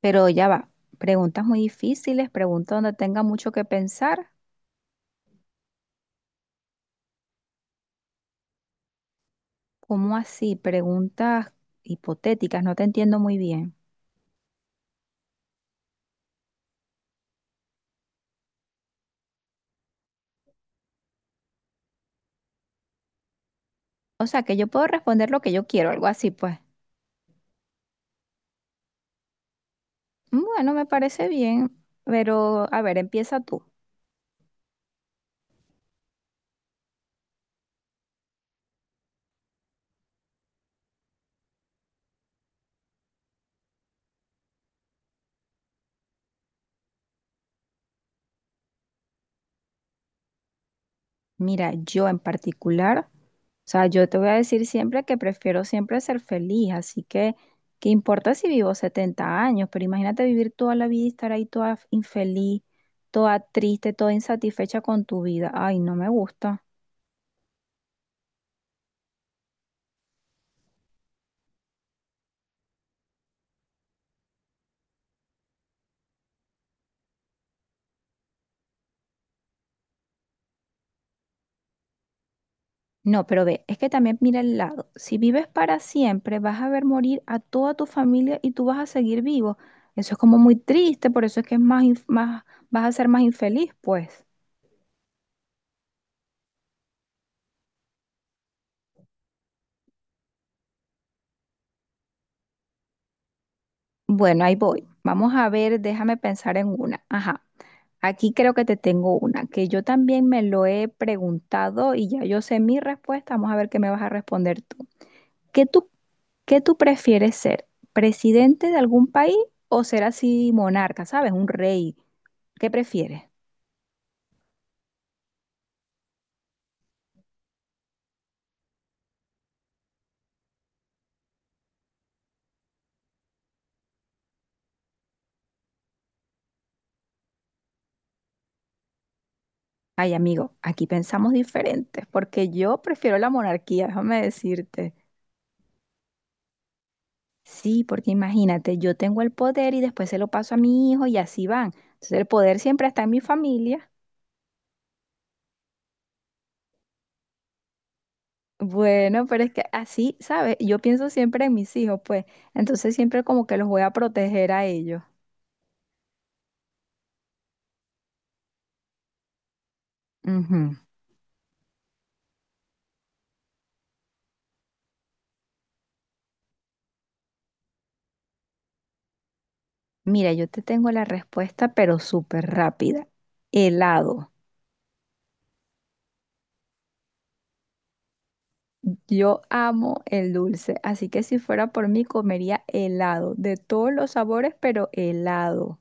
Pero ya va, preguntas muy difíciles, preguntas donde tenga mucho que pensar. ¿Cómo así? Preguntas hipotéticas, no te entiendo muy bien. O sea, que yo puedo responder lo que yo quiero, algo así, pues. Bueno, me parece bien, pero a ver, empieza tú. Mira, yo en particular, o sea, yo te voy a decir siempre que prefiero siempre ser feliz, así que, ¿qué importa si vivo 70 años? Pero imagínate vivir toda la vida y estar ahí toda infeliz, toda triste, toda insatisfecha con tu vida. Ay, no me gusta. No, pero ve, es que también mira el lado. Si vives para siempre, vas a ver morir a toda tu familia y tú vas a seguir vivo. Eso es como muy triste, por eso es que es más, vas a ser más infeliz, pues. Bueno, ahí voy. Vamos a ver, déjame pensar en una. Ajá, aquí creo que te tengo una, que yo también me lo he preguntado y ya yo sé mi respuesta. Vamos a ver qué me vas a responder tú. ¿Qué tú, qué tú prefieres ser? ¿Presidente de algún país o ser así monarca, sabes? Un rey. ¿Qué prefieres? Ay, amigo, aquí pensamos diferentes, porque yo prefiero la monarquía, déjame decirte. Sí, porque imagínate, yo tengo el poder y después se lo paso a mi hijo y así van. Entonces el poder siempre está en mi familia. Bueno, pero es que así, ¿sabes? Yo pienso siempre en mis hijos, pues. Entonces siempre como que los voy a proteger a ellos. Ujú. Mira, yo te tengo la respuesta, pero súper rápida. Helado. Yo amo el dulce, así que si fuera por mí comería helado, de todos los sabores, pero helado.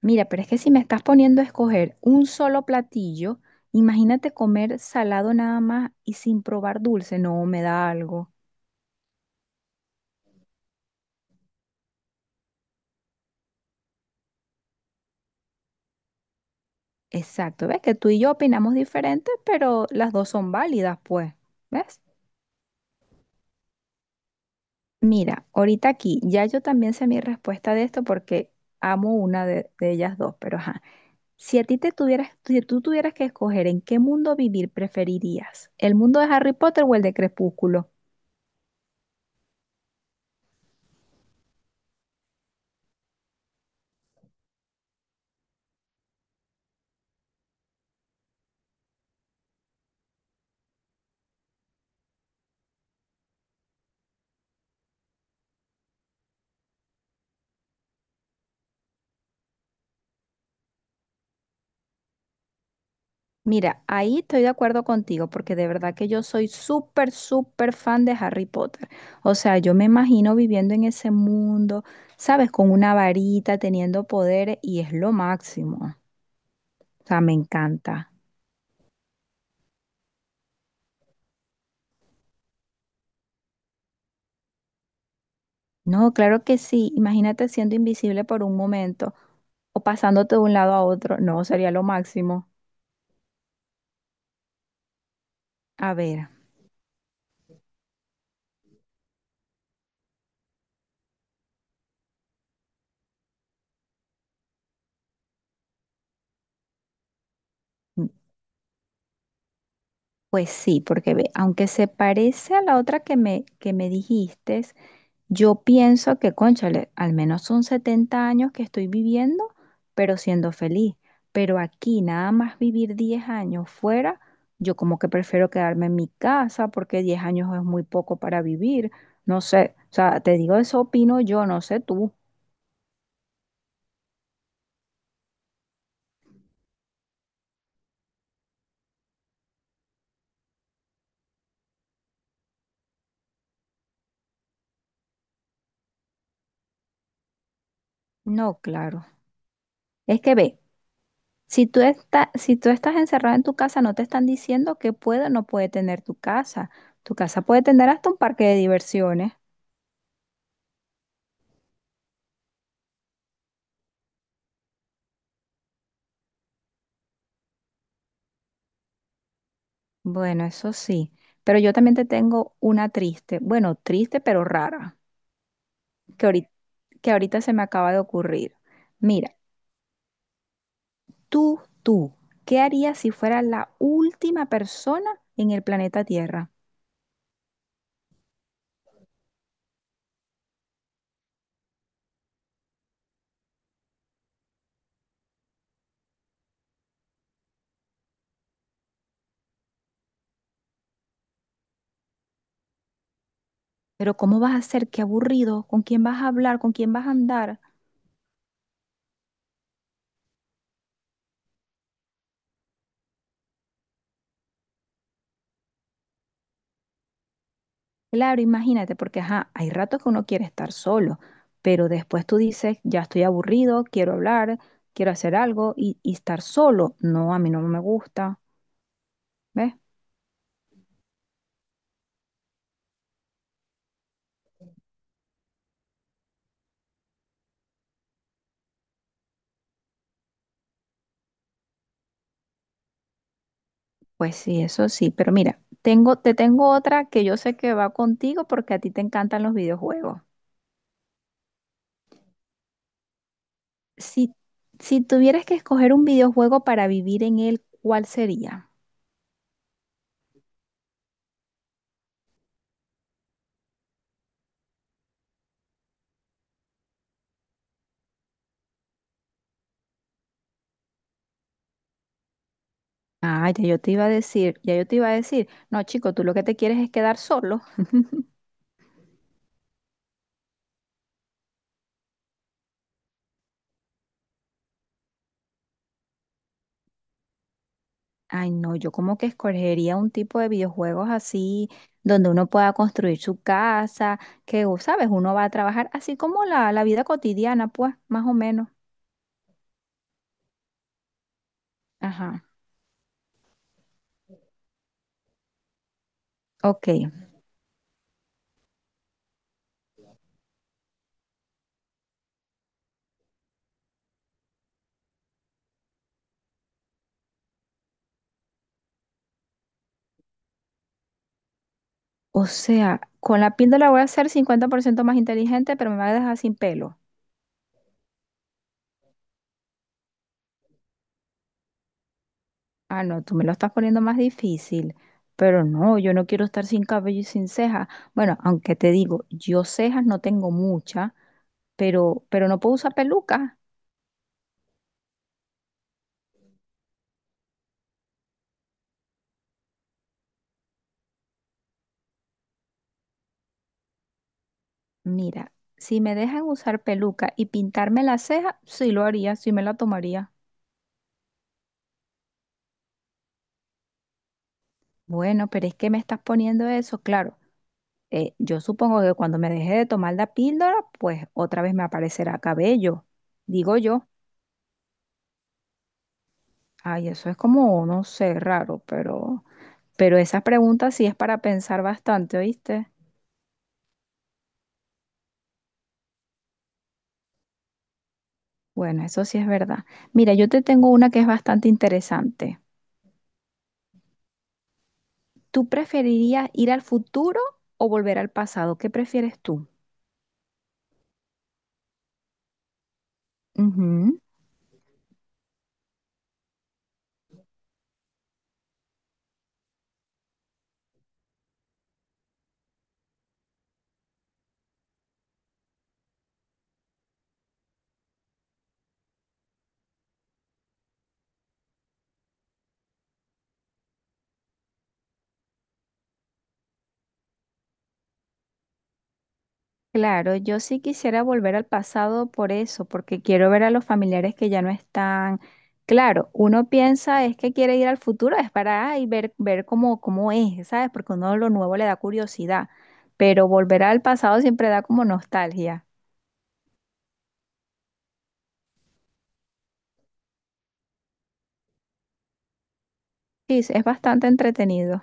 Mira, pero es que si me estás poniendo a escoger un solo platillo, imagínate comer salado nada más y sin probar dulce, no me da algo. Exacto, ves que tú y yo opinamos diferentes, pero las dos son válidas, pues, ¿ves? Mira, ahorita aquí, ya yo también sé mi respuesta de esto porque amo una de ellas dos, pero ajá. Si a ti te tuvieras, si tú tuvieras que escoger en qué mundo vivir, preferirías el mundo de Harry Potter o el de Crepúsculo. Mira, ahí estoy de acuerdo contigo porque de verdad que yo soy súper, súper fan de Harry Potter. O sea, yo me imagino viviendo en ese mundo, ¿sabes? Con una varita, teniendo poderes y es lo máximo. O sea, me encanta. No, claro que sí. Imagínate siendo invisible por un momento o pasándote de un lado a otro. No, sería lo máximo. A ver. Pues sí, porque ve, aunque se parece a la otra que me dijiste, yo pienso que, cónchale, al menos son 70 años que estoy viviendo, pero siendo feliz. Pero aquí nada más vivir 10 años fuera, yo como que prefiero quedarme en mi casa porque 10 años es muy poco para vivir. No sé, o sea, te digo, eso opino yo, no sé tú. No, claro. Es que ve, Si tú estás encerrado en tu casa, no te están diciendo que puede o no puede tener tu casa. Tu casa puede tener hasta un parque de diversiones. Bueno, eso sí. Pero yo también te tengo una triste, bueno, triste pero rara, que ahorita, que ahorita se me acaba de ocurrir. Mira, tú, ¿qué harías si fueras la última persona en el planeta Tierra? Pero ¿cómo vas a ser? Qué aburrido. ¿Con quién vas a hablar? ¿Con quién vas a andar? Claro, imagínate, porque ajá, hay ratos que uno quiere estar solo, pero después tú dices, ya estoy aburrido, quiero hablar, quiero hacer algo y estar solo. No, a mí no me gusta, ¿ves? Pues sí, eso sí, pero mira, te tengo otra que yo sé que va contigo porque a ti te encantan los videojuegos. Si, si tuvieras que escoger un videojuego para vivir en él, ¿cuál sería? Ah, ya yo te iba a decir, ya yo te iba a decir, no, chico, tú lo que te quieres es quedar solo. Ay, no, yo como que escogería un tipo de videojuegos así, donde uno pueda construir su casa, sabes, uno va a trabajar así como la vida cotidiana, pues, más o menos. Ajá, ok. O sea, con la píldora voy a ser 50% más inteligente, pero me va a dejar sin pelo. Ah, no, tú me lo estás poniendo más difícil. Pero no, yo no quiero estar sin cabello y sin cejas. Bueno, aunque te digo, yo cejas no tengo muchas, pero no puedo usar pelucas. Mira, si me dejan usar peluca y pintarme la ceja, sí lo haría, sí me la tomaría. Bueno, pero es que me estás poniendo eso, claro. Yo supongo que cuando me deje de tomar la píldora, pues otra vez me aparecerá cabello, digo yo. Ay, eso es como, no sé, raro, pero, esa pregunta sí es para pensar bastante, ¿oíste? Bueno, eso sí es verdad. Mira, yo te tengo una que es bastante interesante. ¿Tú preferirías ir al futuro o volver al pasado? ¿Qué prefieres tú? Ujú. Claro, yo sí quisiera volver al pasado por eso, porque quiero ver a los familiares que ya no están. Claro, uno piensa es que quiere ir al futuro, es para ay, ver cómo, cómo es, ¿sabes? Porque uno lo nuevo le da curiosidad, pero volver al pasado siempre da como nostalgia. Sí, es bastante entretenido.